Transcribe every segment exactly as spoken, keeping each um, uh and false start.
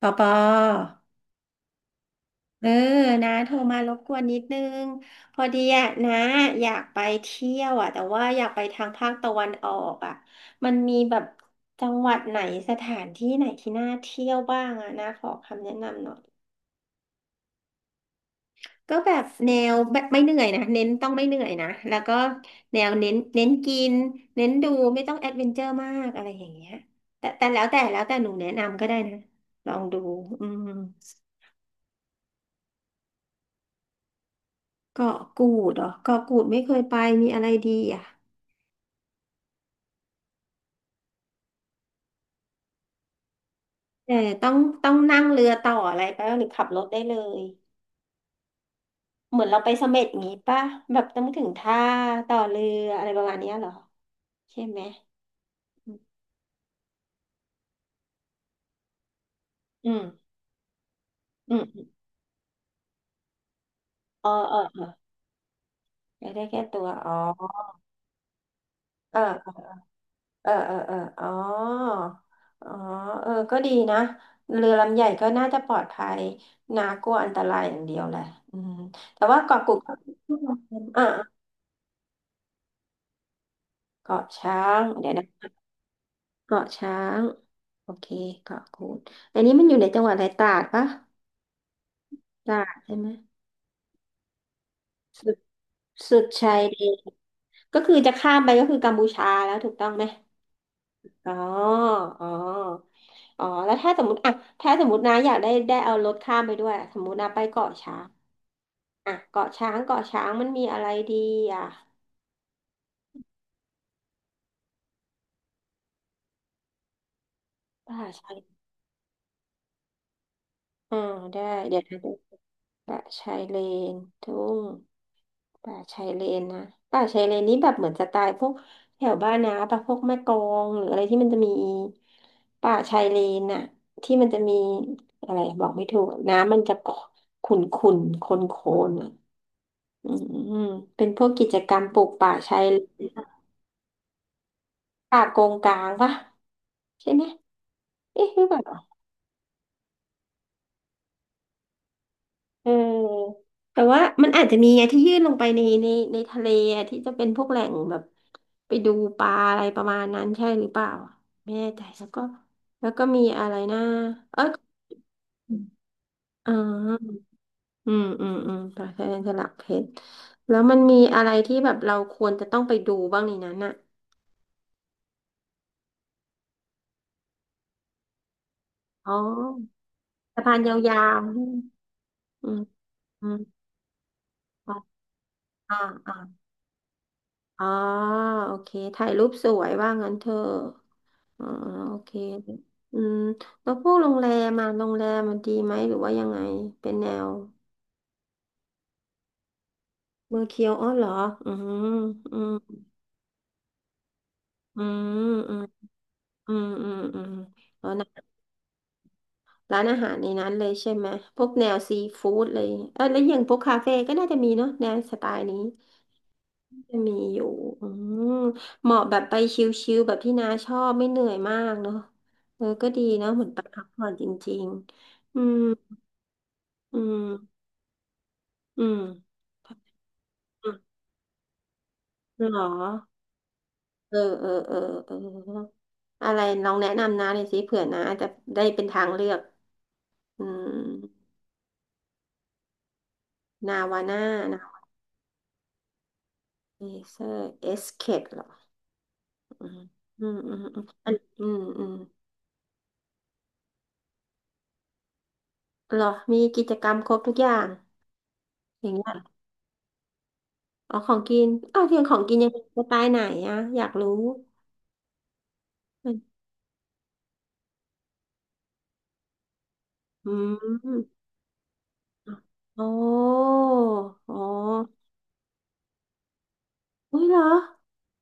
ปอปอเออนะโทรมารบกวนนิดนึงพอดีอะนะอยากไปเที่ยวอะแต่ว่าอยากไปทางภาคตะวันออกอะมันมีแบบจังหวัดไหนสถานที่ไหนที่น่าเที่ยวบ้างอะนะขอคำแนะนำหน่อยก็แบบแนวแบบไม่เหนื่อยนะเน้นต้องไม่เหนื่อยนะแล้วก็แนวเน้นเน้นกินเน้นดูไม่ต้องแอดเวนเจอร์มากอะไรอย่างเงี้ยแต่แต่แล้วแต่แล้วแต่หนูแนะนำก็ได้นะลองดูอืม เกาะกูดเหรอเกาะกูดไม่เคยไปมีอะไรดีอ่ะแต่ต้องต้องนั่งเรือต่ออะไรไปปะหรือขับรถได้เลยเหมือนเราไปเสม็ดงี้ป่ะแบบต้องถึงท่าต่อเรืออะไรประมาณเนี้ยเหรอใช่ไหมอืมอืมอืมเอ๋อเออเอออยากได้แค่ตัวอ๋อเออเออเออเอออ๋ออ๋อเออก็ดีนะเรือลำใหญ่ก็น่าจะปลอดภัยนากลัวอันตรายอย่างเดียวแหละอืมแต่ว่าเกาะกูดก็ อ่า เกาะช้างเดี๋ยวนะเกาะช้างโอเคเกาะกูดอันนี้มันอยู่ในจังหวัดอะไรตราดปะตราดใช่ไหมสุดสุดชายแดนก็คือจะข้ามไปก็คือกัมพูชาแล้วถูกต้องไหมอ๋ออ๋ออ๋อแล้วถ้าสมมติอ่ะถ้าสมมตินะอยากได้ได้เอารถข้ามไปด้วยสมมตินะไปเกาะช้างอ่ะเกาะช้างเกาะช้างมันมีอะไรดีอ่ะป่าชายอ่าได้เดี๋ยวนะ ป่าชายเลนทุ่งป่าชายเลนนะป่าชายเลนนี้แบบเหมือนสไตล์พวกแถวบ้านนะป่ะพวกแม่กลองหรืออะไรที่มันจะมีป่าชายเลนน่ะที่มันจะมีอะไรบอกไม่ถูกน้ำมันจะขุ่นขุ่นโคลนโคลนอ่ะอืมเป็นพวกกิจกรรมปลูกป่าชายเลนป่ากงกลางป่ะใช่ไหมเอ๊ะหรือเปล่า เออแต่ว่ามันอาจจะมีไงที่ยื่นลงไปในในในทะเลอะที่จะเป็นพวกแหล่งแบบไปดูปลาอะไรประมาณนั้นใช่หรือเปล่าอะไม่แน่ใจแล้วก็แล้วก็มีอะไรนะเอออ๋ออืมอืมอืมปลาแค่สลักเพชรแล้วมันมีอะไรที่แบบเราควรจะต้องไปดูบ้างในนั้นอ่ะอ๋อสะพานยาวๆอืมอืมอ่าอ่าอาอ๋อโอเคถ่ายรูปสวยว่างั้นเถอะ อ่าโอเคอืมแล้วพวกโรงแรมมาโรงแรมมันดีไหมหรือว่ายังไง เป็นแนวเมือร์เคียวอ๋อเหรออืมอืมอืมอืมอืมอืมอืมแล้วนะร้านอาหารในนั้นเลยใช่ไหมพวกแนวซีฟู้ดเลยเออแล้วอย่างพวกคาเฟ่ก็น่าจะมีเนาะแนวสไตล์นี้จะมีอยู่อืมเหมาะแบบไปชิลๆแบบที่น้าชอบไม่เหนื่อยมากเนาะเออก็ดีเนาะเหมือนไปพักผ่อนจริงๆอืมอืมอืม เหรอเออเออเออเอออะไรลองแนะนำนะเลยสิเผื่อนะจะได้เป็นทางเลือกอืมนาวาน่านะเอเซอร์เอสเคดเหรออืมอืมอืมอืมอันอืมอืมเหรอมีกิจกรรมครบทุกอย่างอย่างเงี้ยอ๋อของกินอ้าวเพียงของกินยังไงสไตล์ไหนอะอยากรู้อืมอ๋ออ๋อ อุ้ยเหรอ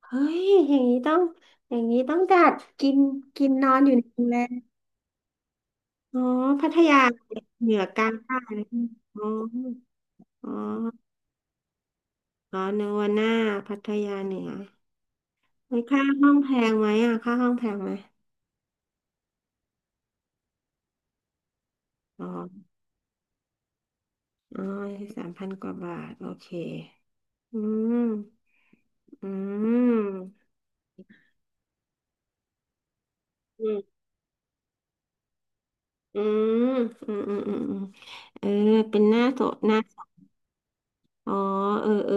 เฮ้ยอย่างนี้ต้องอย่างนี้ต้องจัดกินกินนอนอยู่ในโรงแรมอ๋อพัทยาเหนือกลางใต้อะไรอย่างงี้อ๋ออ๋ออ๋อนึกว่าหน้าพัทยาเหนือเฮ้ยค่าห้องแพงไหมอ่ะค่าห้องแพงไหมอ๋ออ๋อสามพันกว่าบาทโอเคอืมอืมอืมอืมอืมอืมอืมเออเป็นหน้าโสดหน้า อ๋อเออเออ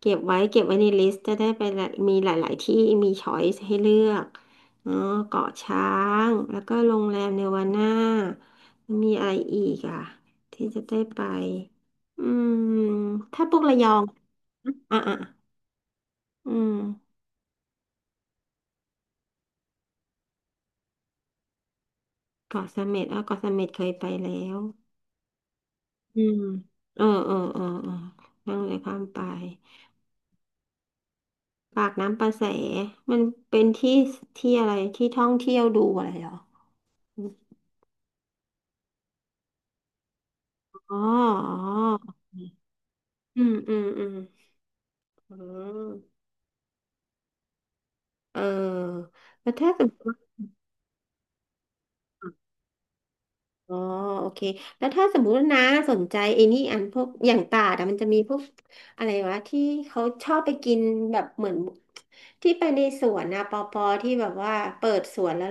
เก็บไว้ เก็บไว้ในลิสต์จะได้ไปละมีหลาย ๆ ที่มีช้อยส์ให้เลือกเนาะเกาะช้าง แล้วก็โรงแรมเนวาน่ามีอะไรอีกอ่ะที่จะได้ไป อืม ถ้าพวกระยอง อ่ะอ่ะ อืมเกาะเสม็ดอ่ะเกาะเสม็ดเคยไปแล้ว อืม เออเออเออเออนั่งเลยข้ามไปปากน้ำประแสมันเป็นที่ที่อะไรที่ท่องเที่ยวดูอะไรเหรอ อ๋ออ๋ออืมอืมอืมอืมเออแล้วถ้าสมมติว่าอ๋อโอเคแล้วถ้าสมมติว่านะสนใจไอ้นี่อันพวกอย่างตาดอะมันจะมีพวกอะไรวะที่เขาชอบไปกินแบบเหมือนที่ไปในสวนนะปอปอที่แบบว่าเปิดสวนแล้ว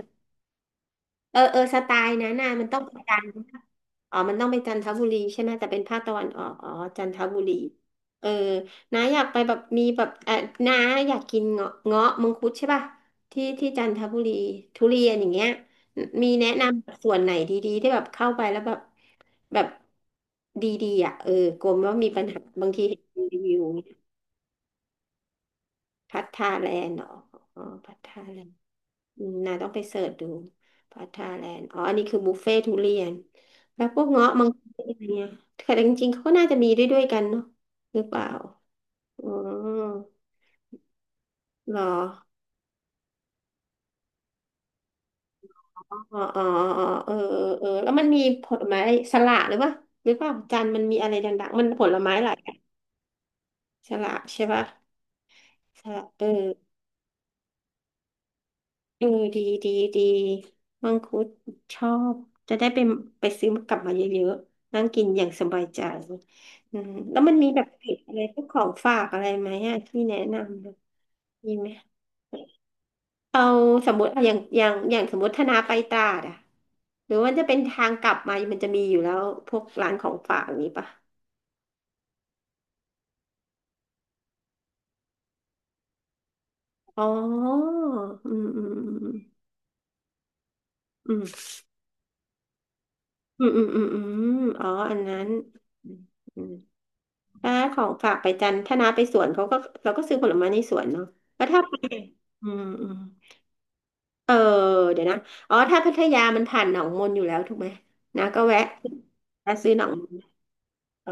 เออเออสไตล์นั้นน่ะมันต้องเป็นจันทร์อ๋อมันต้องเป็นจันทบุรีใช่ไหมแต่เป็นภาคตะวันออกอ๋อ จันทบุรีเออน้าอยากไปแบบมีแบบเออน้าอยากกินเงาะเงาะมังคุดใช่ป่ะที่ที่จันทบุรีทุเรียนอย่างเงี้ยมีแนะนำส่วนไหนดีๆ ที่แบบเข้าไปแล้วแบบแบบดีๆอ่ะเออกลัวว่ามีปัญหาบางทีเห็นรีวิวพัทธาแลนด์เหรออ๋อพัทธาแลนด์ อืมนาต้องไปเสิร์ชดูพัทาแลนด์อ๋ออันนี้คือบุฟเฟ่ทุเรียนแล้วพวกเงาะมังคุดอะไรเงี้ยแต่จริงๆเขาก็น่าจะมีด้วยด้วยกันเนาะหรือเปล่าอ๋อเหรออ๋ออ๋ออ๋อเออเออแล้วมันมีผลไม้สละหรือเปล่าหรือเปล่าจันมันมีอะไรดังๆมันผลไม้หลายอย่างสละใช่ปะสละเออ เออดีดีดีมังคุดชอบจะได้ไปไปซื้อกลับมาเยอะๆนั่งกินอย่างสบายใจอืมแล้วมันมีแบบติดอะไรพวกของฝากอะไรไหมอะที่แนะนำอะมีไหมเอาสมมติอะอย่างอย่างอย่างสมมติธนาไปตราดอะหรือว่าจะเป็นทางกลับมามันจะมีอยู่แล้วพวกร้านของฝากอย่างนี้ปะอ๋ออืมอืมอืมอืมอืมอืมอืมอืมอ๋ออันนั้นอืม ถ้าของฝากไปจันทร์ถ้าน้าไปสวนเขาก็เราก็ซื้อผลไม้ในสวนเนาะแล้วถ้าไปอืมอืมเออเดี๋ยวนะอ๋อถ้าพัทยามันผ่านหนองมนอยู่แล้วถูกไหมน้าก็แวะแวะซื้อหนองมนอ๋อ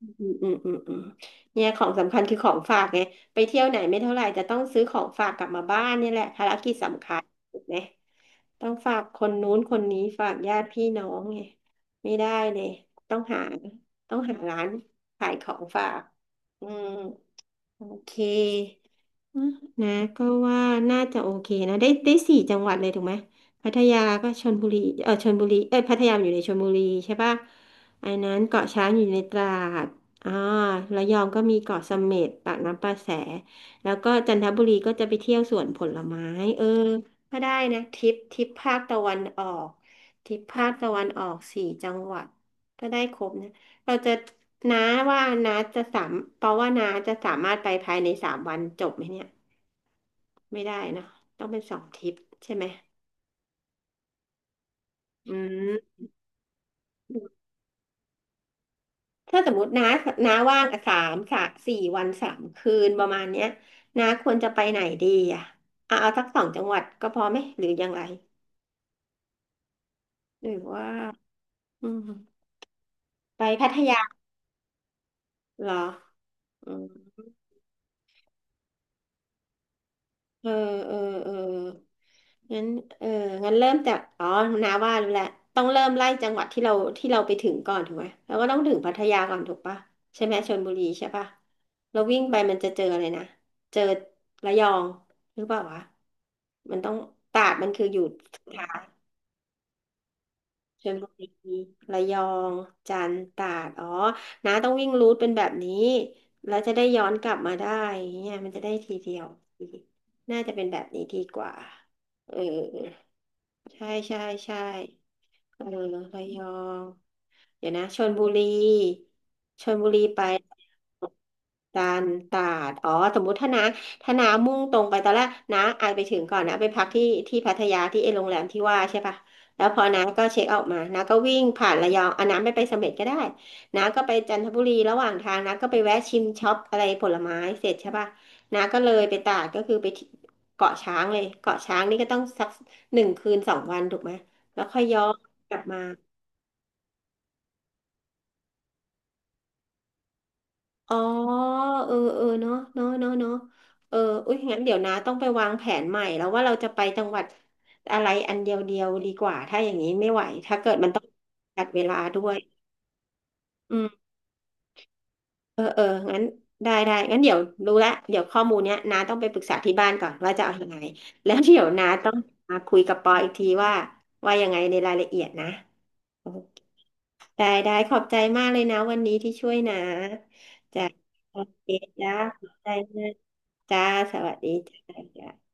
อืมอืมอืมอืมเนี่ยของสำคัญคือของฝากไงไปเที่ยวไหนไม่เท่าไหร่จะต้องซื้อของฝากกลับมาบ้านเนี่ยแหละภารกิจสำคัญถูกไหมต้องฝากคนนู้นคนนี้ฝากญาติพี่น้องไงไม่ได้เลยต้องหาต้องหาร้านขายของฝากอืม โอเคอ่ะนะก็ว่าน่าจะโอเคนะได้ได้สี่จังหวัดเลยถูกไหมพัทยาก็ชลบุรีเออชลบุรีเอยพัทยาอยู่ในชลบุรีใช่ปะอันนั้นเกาะช้างอยู่ในตราดอ่าระยองก็มีเกาะเสม็ดปากน้ำประแสแล้วก็จันทบุรีก็จะไปเที่ยวสวนผลไม้เออก็ได้นะทริปทริปภาคตะวันออกทริปภาคตะวันออกสี่จังหวัดก็ได้ครบนะ เราจะน้าว่าน้าจะสามเพราะว่าน้าจะสามารถไปภายในสามวันจบไหมเนี่ยไม่ได้เนอะต้องเป็นสองทริปใช่ไหมอืมถ้าสมมติน้าน้าว่างสามสามสี่วันสามคืนประมาณเนี้ยน้าควรจะไปไหนดีอ่ะเอาเอาสักสองจังหวัดก็พอไหมหรือยังไงหรือว่าอืมไปพัทยาเหรออืม เออเออเอองั้นเอองั้นเริ่มจากอ๋อนาว่ารู้แล้วต้องเริ่มไล่จังหวัดที่เราที่เราไปถึงก่อนถูกไหมเราก็ต้องถึงพัทยาก่อนถูกปะใช่ไหมชลบุรีใช่ปะเราวิ่งไปมันจะเจออะไรนะเจอระยองหรือเปล่าวะมันต้องตราดมันคืออยู่ ชลบุรีระยองจันทร์ตราดอ๋อน้าต้องวิ่งรูทเป็นแบบนี้แล้วจะได้ย้อนกลับมาได้อย่างเนี่ยมันจะได้ทีเดียวน่าจะเป็นแบบนี้ดีกว่าเออใช่ใช่ใช่ เออระยองเดี๋ยวนะชลบุรีชลบุรีไปตาลตาดอ๋อสมมุติถ้านะถ้านามุ่งตรงไปตอนแรกนะอายไปถึงก่อนนะไปพักที่ที่พัทยาที่ไอ้โรงแรมที่ว่าใช่ปะแล้วพอนะก็เช็คเอาท์มานะก็วิ่งผ่านระยองอ่ะนะไม่ไปเสม็ดก็ได้นะก็ไปจันทบุรีระหว่างทางนะก็ไปแวะชิมช็อปอะไรผลไม้เสร็จใช่ปะนะก็เลยไปตาดก็คือไปที่เกาะช้างเลยเกาะช้างนี่ก็ต้องสักหนึ่งคืนสองวันถูกไหมแล้วค่อยย้อน กลับมาอ๋อเออเออเนาะเนาะเนาะเนาะเอออุ้ยงั้นเดี๋ยวนะต้องไปวางแผนใหม่แล้วว่าเราจะไปจังหวัดอะไรอันเดียวเดียวดีกว่าถ้าอย่างนี้ไม่ไหวถ้าเกิดมันต้องจัดเวลาด้วยอืมเออเอองั้นได้ได้งั้นเดี๋ยวรู้ละเดี๋ยวข้อมูลเนี้ยน้าต้องไปปรึกษาที่บ้านก่อนว่าจะเอายังไงแล้วเดี๋ยวน้าต้องมาคุยกับปออีกทีว่าว่ายังไงในรายละเอียดนะ ได้ได้ขอบใจมากเลยนะวันนี้ที่ช่วยนะจ้ะโอเคจ้าขอบใจมากจ้าสวัสดีจ้าจ้า